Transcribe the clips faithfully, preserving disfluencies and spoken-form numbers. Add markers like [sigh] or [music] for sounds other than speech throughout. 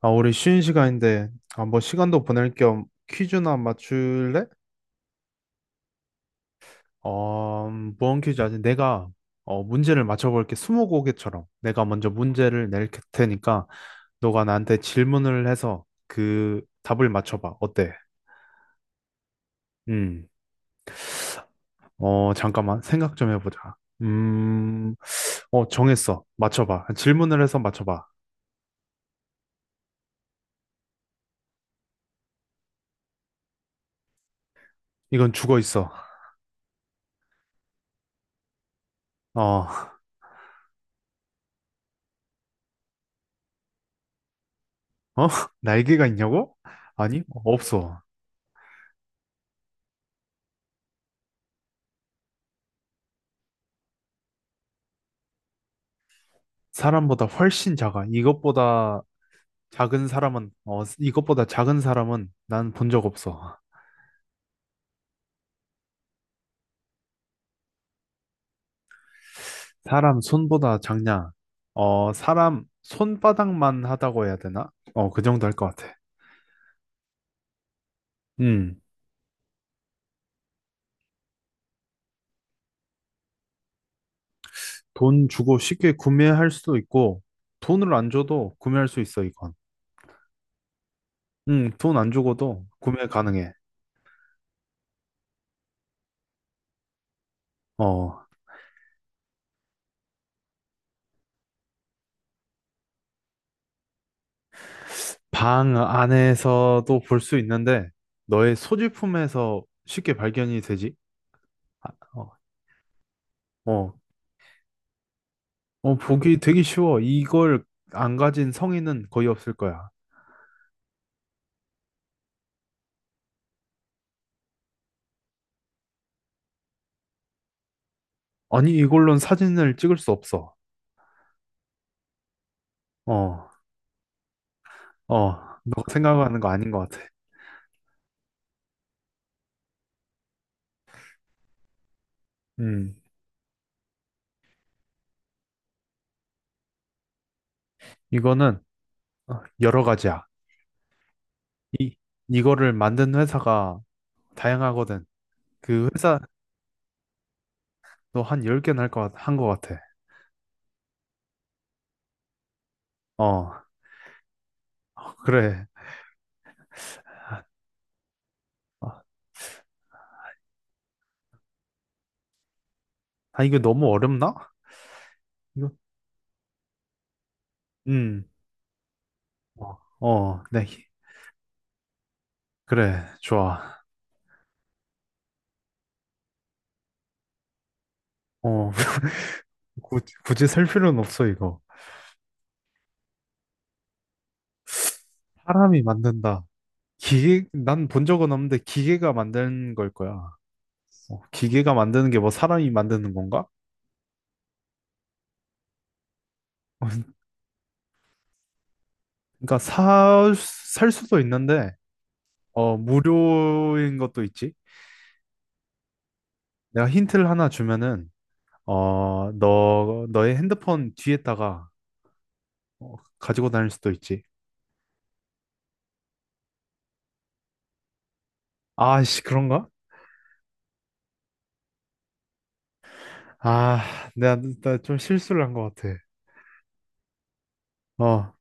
아, 우리 쉬는 시간인데, 한번 시간도 보낼 겸 퀴즈나 맞출래? 어, 음, 무언 퀴즈 아직 내가 어, 문제를 맞춰볼게. 스무고개처럼 내가 먼저 문제를 낼 테니까 너가 나한테 질문을 해서 그 답을 맞춰봐. 어때? 음, 어, 잠깐만 생각 좀 해보자. 음, 어, 정했어. 맞춰봐. 질문을 해서 맞춰봐. 이건 죽어 있어. 어, [laughs] 어? 날개가 있냐고? 아니, 없어. 사람보다 훨씬 작아. 이것보다 작은 사람은, 어, 이것보다 작은 사람은 난 본 적 없어. 사람 손보다 작냐? 어, 사람 손바닥만 하다고 해야 되나? 어, 그 정도 할 것 같아. 음, 돈 주고 쉽게 구매할 수도 있고, 돈을 안 줘도 구매할 수 있어, 이건. 음, 돈 안 주고도 구매 가능해. 어, 방 안에서도 볼 수 있는데, 너의 소지품에서 쉽게 발견이 되지? 아, 어, 어, 어, 보기 되게 쉬워. 이걸 안 가진 성인은 거의 없을 거야. 아니, 이걸로는 사진을 찍을 수 없어. 어, 어, 너가 생각하는 거 아닌 것 같아. 음, 이거는 어, 여러 가지야. 이, 이거를 만든 회사가 다양하거든. 그 회사도 한 열 개는 할 것, 한것 같아. 어, 그래. 아, 아, 이거 너무 어렵나? 이거, 음, 어, 어, 네. 그래, 좋아. 어, [laughs] 굳이, 굳이 셀 필요는 없어, 이거. 사람이 만든다. 기계, 난 본 적은 없는데 기계가 만든 걸 거야. 어, 기계가 만드는 게 뭐 사람이 만드는 건가? [laughs] 어, 그러니까 사, 살 수도 있는데, 어, 무료인 것도 있지. 내가 힌트를 하나 주면은, 어, 너, 너의 핸드폰 뒤에다가 어, 가지고 다닐 수도 있지. 아씨, 그런가? 아, 내가, 나 좀 실수를 한 것 같아. 어, 어,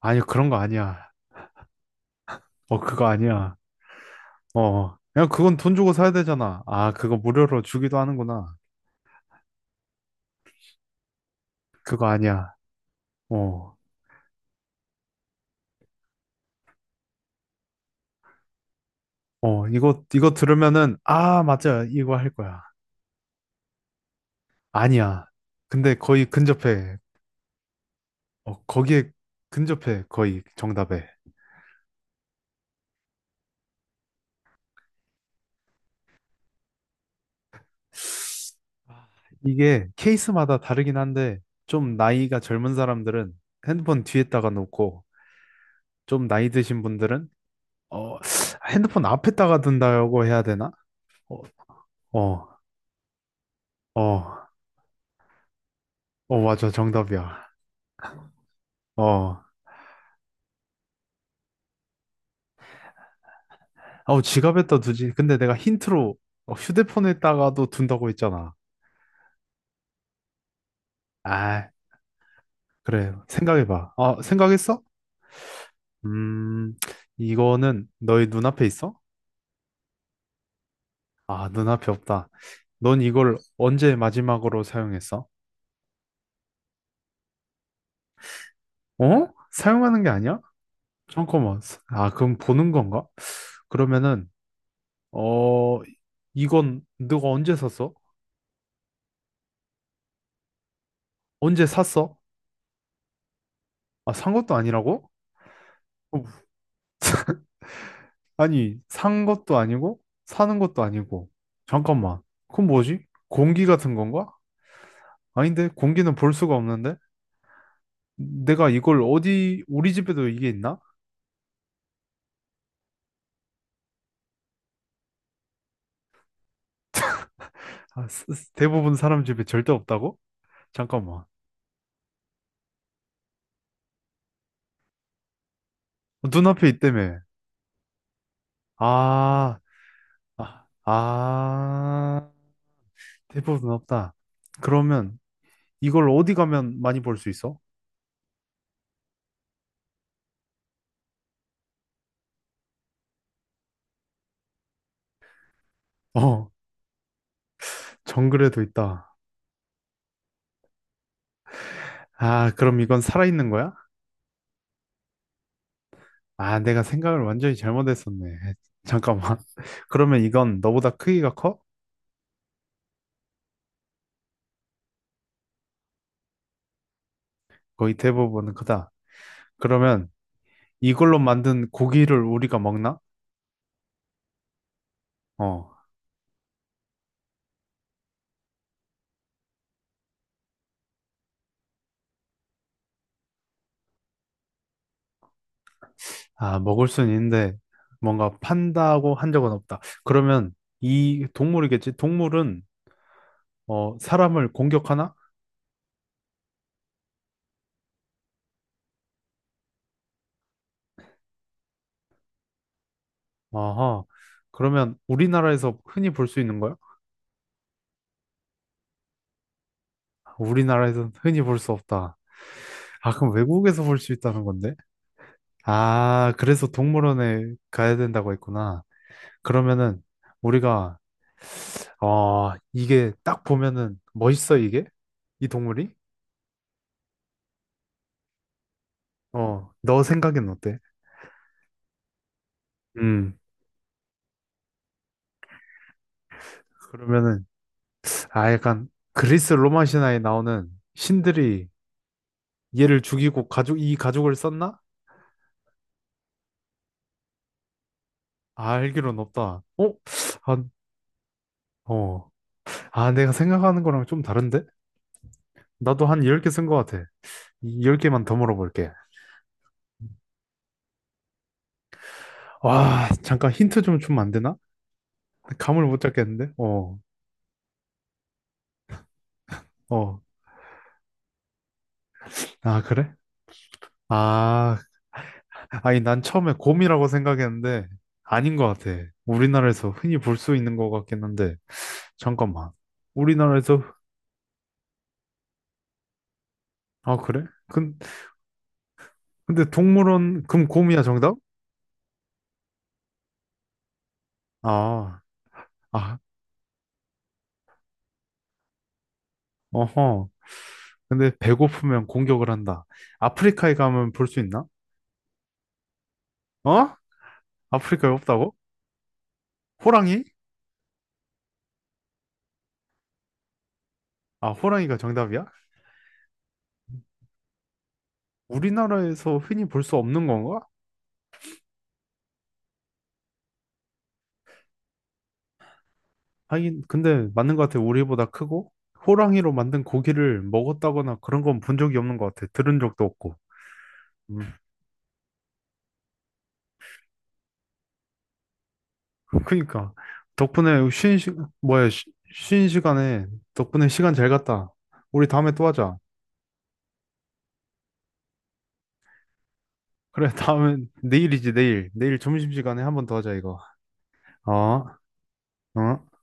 아니, 그런 거 아니야. 어, 그거 아니야. 어, 어. 그냥 그건 돈 주고 사야 되잖아. 아, 그거 무료로 주기도 하는구나. 그거 아니야. 어, 어, 이거, 이거 들으면은, 아, 맞아. 이거 할 거야. 아니야. 근데 거의 근접해. 어, 거기에 근접해. 거의 정답에. 아, 이게 케이스마다 다르긴 한데, 좀 나이가 젊은 사람들은 핸드폰 뒤에다가 놓고, 좀 나이 드신 분들은, 어, 핸드폰 앞에다가 둔다고 해야 되나? 어, 어, 어, 어, 맞아. 정답이야. 어. 아우 지갑에다 두지. 근데 내가 힌트로 어, 휴대폰에다가도 둔다고 했잖아. 아, 그래. 생각해봐. 아, 생각했어? 음, 이거는 너의 눈앞에 있어? 아, 눈앞에 없다. 넌 이걸 언제 마지막으로 사용했어? 어? 사용하는 게 아니야? 잠깐만. 아, 그럼 보는 건가? 그러면은, 어, 이건 너가 언제 샀어? 언제 샀어? 아, 산 것도 아니라고? 어, 아니, 산 것도 아니고, 사는 것도 아니고. 잠깐만. 그건 뭐지? 공기 같은 건가? 아닌데, 공기는 볼 수가 없는데? 내가 이걸 어디, 우리 집에도 이게 있나? 아, 스- 스- 대부분 사람 집에 절대 없다고? 잠깐만. 눈앞에 있다며. 아, 아, 아. 대부분 없다. 그러면 이걸 어디 가면 많이 볼 수 있어? 어, 정글에도 있다. 아, 그럼 이건 살아있는 거야? 아, 내가 생각을 완전히 잘못했었네. [laughs] 잠깐만. [laughs] 그러면 이건 너보다 크기가 커? 거의 대부분은 크다. 그러면 이걸로 만든 고기를 우리가 먹나? 어. 아, 먹을 순 있는데 뭔가 판다고 한 적은 없다. 그러면 이 동물이겠지? 동물은 어, 사람을 공격하나? 어허. 그러면 우리나라에서 흔히 볼 수 있는 거야? 우리나라에서는 흔히 볼 수 없다. 아, 그럼 외국에서 볼 수 있다는 건데? 아, 그래서 동물원에 가야 된다고 했구나. 그러면은 우리가 어, 이게 딱 보면은 멋있어. 이게 이 동물이, 어, 너 생각엔 어때? 음, 그러면은 아, 약간 그리스 로마 신화에 나오는 신들이 얘를 죽이고 가족 이 가족을 썼나? 아, 알기론 없다. 어? 아, 어. 아, 내가 생각하는 거랑 좀 다른데? 나도 한 열 개 쓴 거 같아. 열 개만 더 물어볼게. 와, 잠깐 힌트 좀 주면 안 되나? 감을 못 잡겠는데? 어, 어. 아, 그래? 아, 아니, 난 처음에 곰이라고 생각했는데, 아닌 것 같아. 우리나라에서 흔히 볼 수 있는 것 같긴 한데, 잠깐만. 우리나라에서, 아, 그래? 근, 근데 동물원, 그럼 곰이야, 정답? 아, 아, 어허. 근데 배고프면 공격을 한다. 아프리카에 가면 볼 수 있나? 어? 아프리카에 없다고? 호랑이? 아, 호랑이가 정답이야? 우리나라에서 흔히 볼 수 없는 건가? 하긴 근데 맞는 것 같아. 우리보다 크고 호랑이로 만든 고기를 먹었다거나 그런 건 본 적이 없는 것 같아. 들은 적도 없고. 음. [laughs] 그러니까 덕분에 쉬는 시 뭐야 쉬, 쉬는 시간에 덕분에 시간 잘 갔다. 우리 다음에 또 하자. 그래. [laughs] 다음에 내일이지, 내일. 내일 점심시간에 한번 더 하자, 이거. 어? 어?